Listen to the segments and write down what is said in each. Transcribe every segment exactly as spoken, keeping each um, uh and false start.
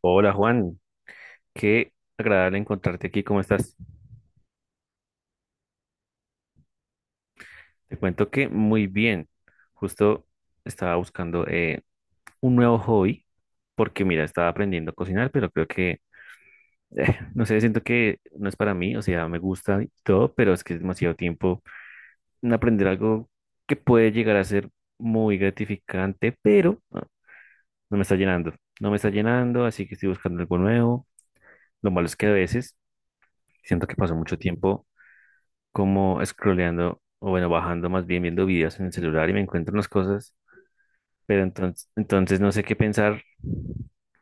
Hola Juan, qué agradable encontrarte aquí, ¿cómo estás? Te cuento que muy bien, justo estaba buscando eh, un nuevo hobby porque mira, estaba aprendiendo a cocinar, pero creo que, eh, no sé, siento que no es para mí, o sea, me gusta y todo, pero es que es demasiado tiempo en aprender algo que puede llegar a ser muy gratificante, pero ah, no me está llenando, no me está llenando, así que estoy buscando algo nuevo. Lo malo es que a veces siento que paso mucho tiempo, como scrolleando, o bueno, bajando más bien, viendo videos en el celular y me encuentro unas cosas, pero entonces, entonces no sé qué pensar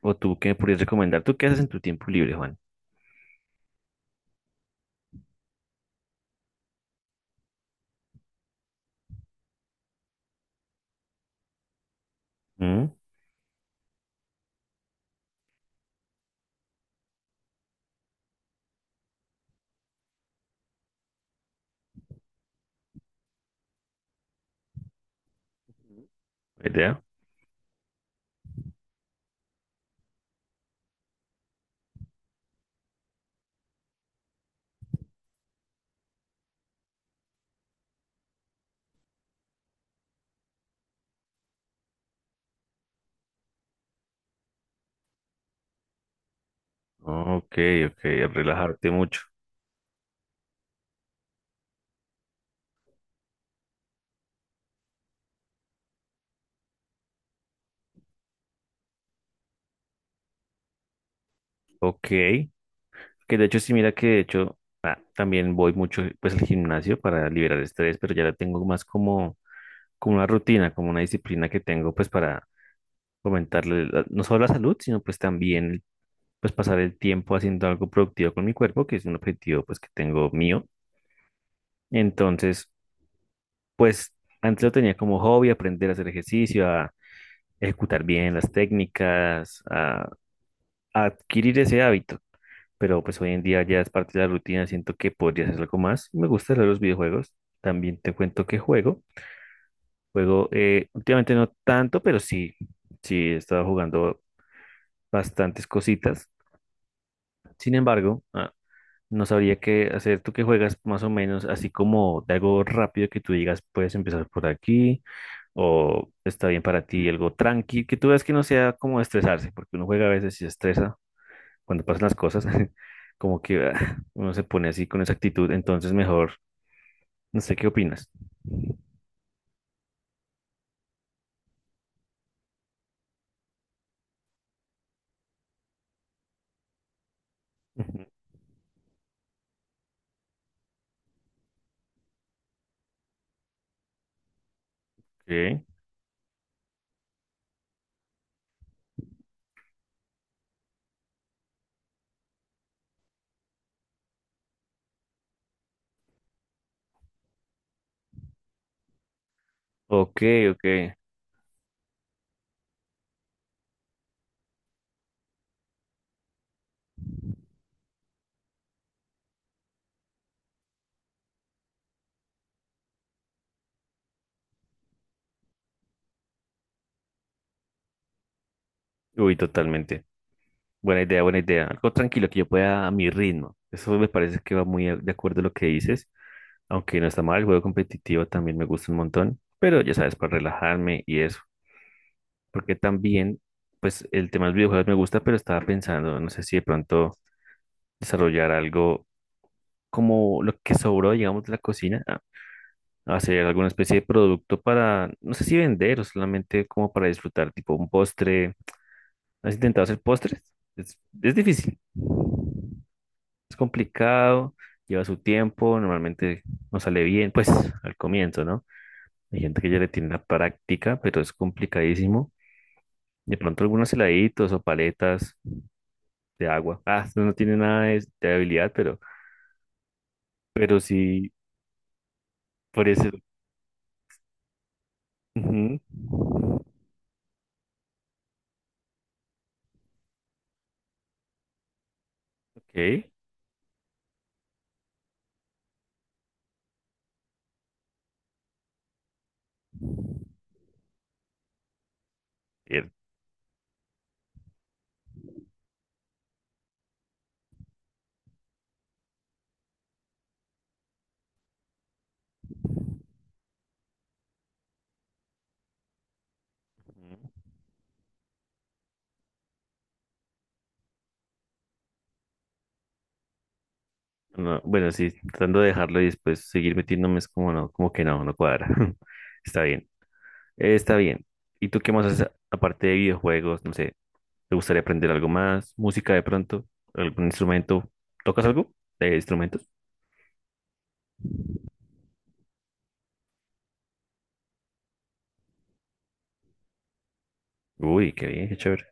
o tú qué me podrías recomendar. ¿Tú qué haces en tu tiempo libre, Juan? ¿Mm? ¿Buena idea? Ok, ok, relajarte mucho. Ok, que de hecho sí, mira que de hecho ah, también voy mucho pues al gimnasio para liberar estrés, pero ya la tengo más como, como una rutina, como una disciplina que tengo pues para fomentarle la- no solo la salud, sino pues también pues pasar el tiempo haciendo algo productivo con mi cuerpo, que es un objetivo pues que tengo mío. Entonces, pues antes lo tenía como hobby, aprender a hacer ejercicio, a ejecutar bien las técnicas, a, a adquirir ese hábito. Pero pues hoy en día ya es parte de la rutina, siento que podría hacer algo más. Me gusta leer los videojuegos. También te cuento que juego. Juego eh, últimamente no tanto, pero sí, sí he estado jugando bastantes cositas. Sin embargo, ah, no sabría qué hacer. Tú que juegas más o menos, así como de algo rápido que tú digas, puedes empezar por aquí o está bien para ti algo tranqui, que tú veas que no sea como estresarse, porque uno juega a veces y se estresa cuando pasan las cosas, como que ah, uno se pone así con esa actitud, entonces mejor, no sé qué opinas. Ujú. Ok, ok, ok. Uy, totalmente. Buena idea, buena idea. Algo tranquilo que yo pueda a mi ritmo. Eso me parece que va muy a- de acuerdo a lo que dices. Aunque no está mal, el juego competitivo también me gusta un montón, pero ya sabes, para relajarme y eso. Porque también, pues el tema de los videojuegos me gusta, pero estaba pensando, no sé si de pronto desarrollar algo como lo que sobró, digamos, de la cocina, a- hacer alguna especie de producto para, no sé si vender o solamente como para disfrutar, tipo un postre. ¿Has intentado hacer postres? Es, es difícil, es complicado, lleva su tiempo, normalmente no sale bien, pues al comienzo, ¿no? Hay gente que ya le tiene la práctica, pero es complicadísimo. De pronto algunos heladitos o paletas de agua. Ah, no, no tiene nada de, de habilidad, pero, pero sí, por eso. Ujú. Ok, bien. No, bueno, sí, tratando de dejarlo y después seguir metiéndome es como no, como que no, no cuadra. Está bien, eh, está bien. ¿Y tú qué más haces aparte de videojuegos? No sé, ¿te gustaría aprender algo más? ¿Música de pronto? ¿Algún instrumento? ¿Tocas algo de instrumentos? Uy, qué bien, qué chévere.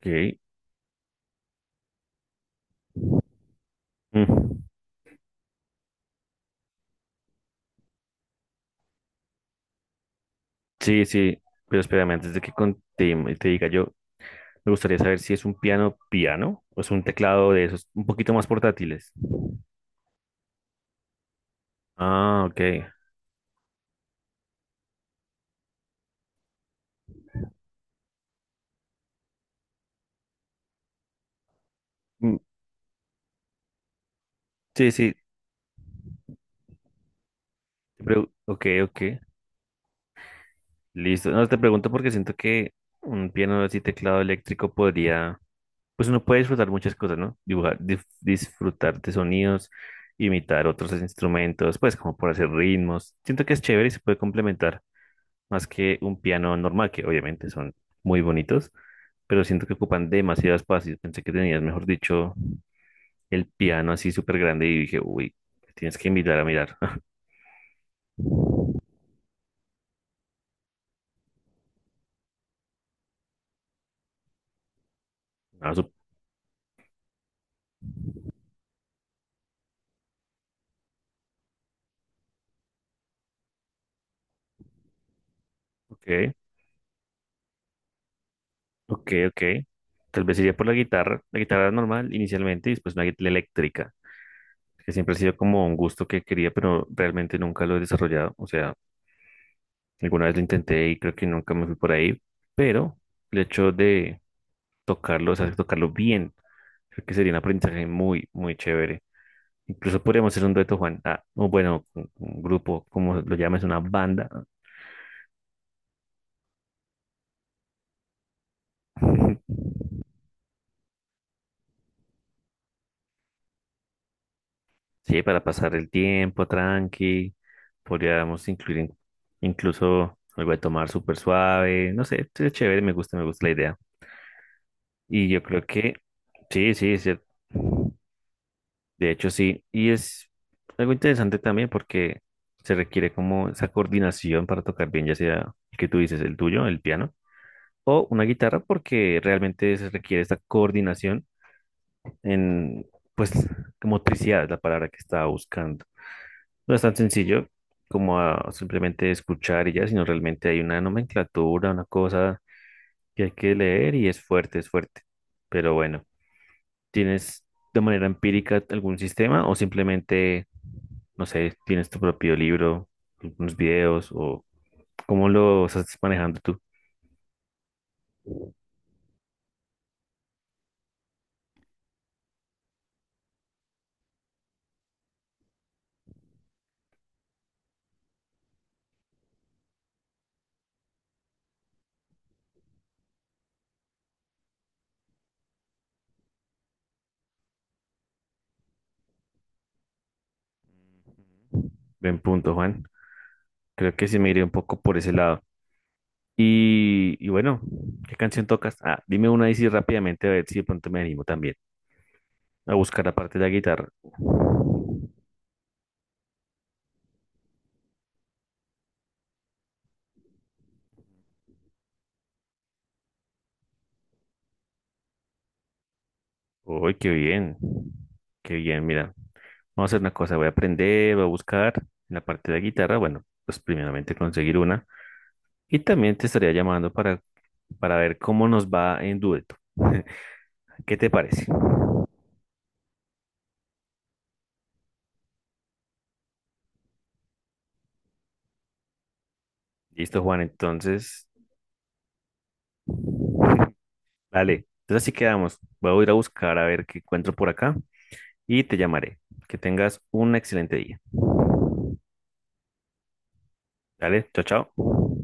Ok. Mm. Sí, sí, pero espérame, antes de que con- te, te diga yo, me gustaría saber si es un piano piano o es un teclado de esos un poquito más portátiles. Ah, ok. Mm, sí, sí, te pregu- ok, ok, listo. No, te pregunto porque siento que un piano así teclado eléctrico podría, pues uno puede disfrutar muchas cosas, ¿no? Dibujar, dif- disfrutar de sonidos, imitar otros instrumentos, pues como por hacer ritmos. Siento que es chévere y se puede complementar, más que un piano normal, que obviamente son muy bonitos, pero siento que ocupan demasiado espacio. Pensé que tenías, mejor dicho, el piano así súper grande y dije, uy, me tienes que invitar a mirar. Ah, sup- ok, ok, ok. Tal vez iría por la guitarra, la guitarra normal inicialmente y después una guitarra eléctrica, que siempre ha sido como un gusto que quería, pero realmente nunca lo he desarrollado. O sea, alguna vez lo intenté y creo que nunca me fui por ahí, pero el hecho de tocarlo, o sea, tocarlo bien, creo que sería un aprendizaje muy, muy chévere. Incluso podríamos hacer un dueto, Juan, ah, o bueno, un, un grupo, como lo llames, una banda. Sí, para pasar el tiempo tranqui. Podríamos incluir in- incluso algo de tomar súper suave. No sé, es chévere, me gusta, me gusta la idea. Y yo creo que sí, sí, es cierto. De hecho, sí. Y es algo interesante también porque se requiere como esa coordinación para tocar bien, ya sea el que tú dices, el tuyo, el piano o una guitarra porque realmente se requiere esta coordinación en, pues, motricidad es la palabra que estaba buscando. No es tan sencillo como a simplemente escuchar y ya, sino realmente hay una nomenclatura, una cosa que hay que leer y es fuerte, es fuerte. Pero bueno, ¿tienes de manera empírica algún sistema o simplemente, no sé, tienes tu propio libro, unos videos o cómo lo estás manejando tú? Ujú. Buen punto, Juan. Creo que sí me iré un poco por ese lado. Y, y bueno, ¿qué canción tocas? Ah, dime una ahí sí rápidamente a ver si de pronto me animo también a buscar aparte de la guitarra. Uy, qué bien. Qué bien, mira. Vamos a hacer una cosa, voy a aprender, voy a buscar en la parte de la guitarra. Bueno, pues primeramente conseguir una. Y también te estaría llamando para, para ver cómo nos va en dueto. ¿Qué te parece? Listo, Juan. Entonces, dale. Entonces así quedamos. Voy a ir a buscar a ver qué encuentro por acá y te llamaré. Que tengas un excelente día. Dale, chao, chao.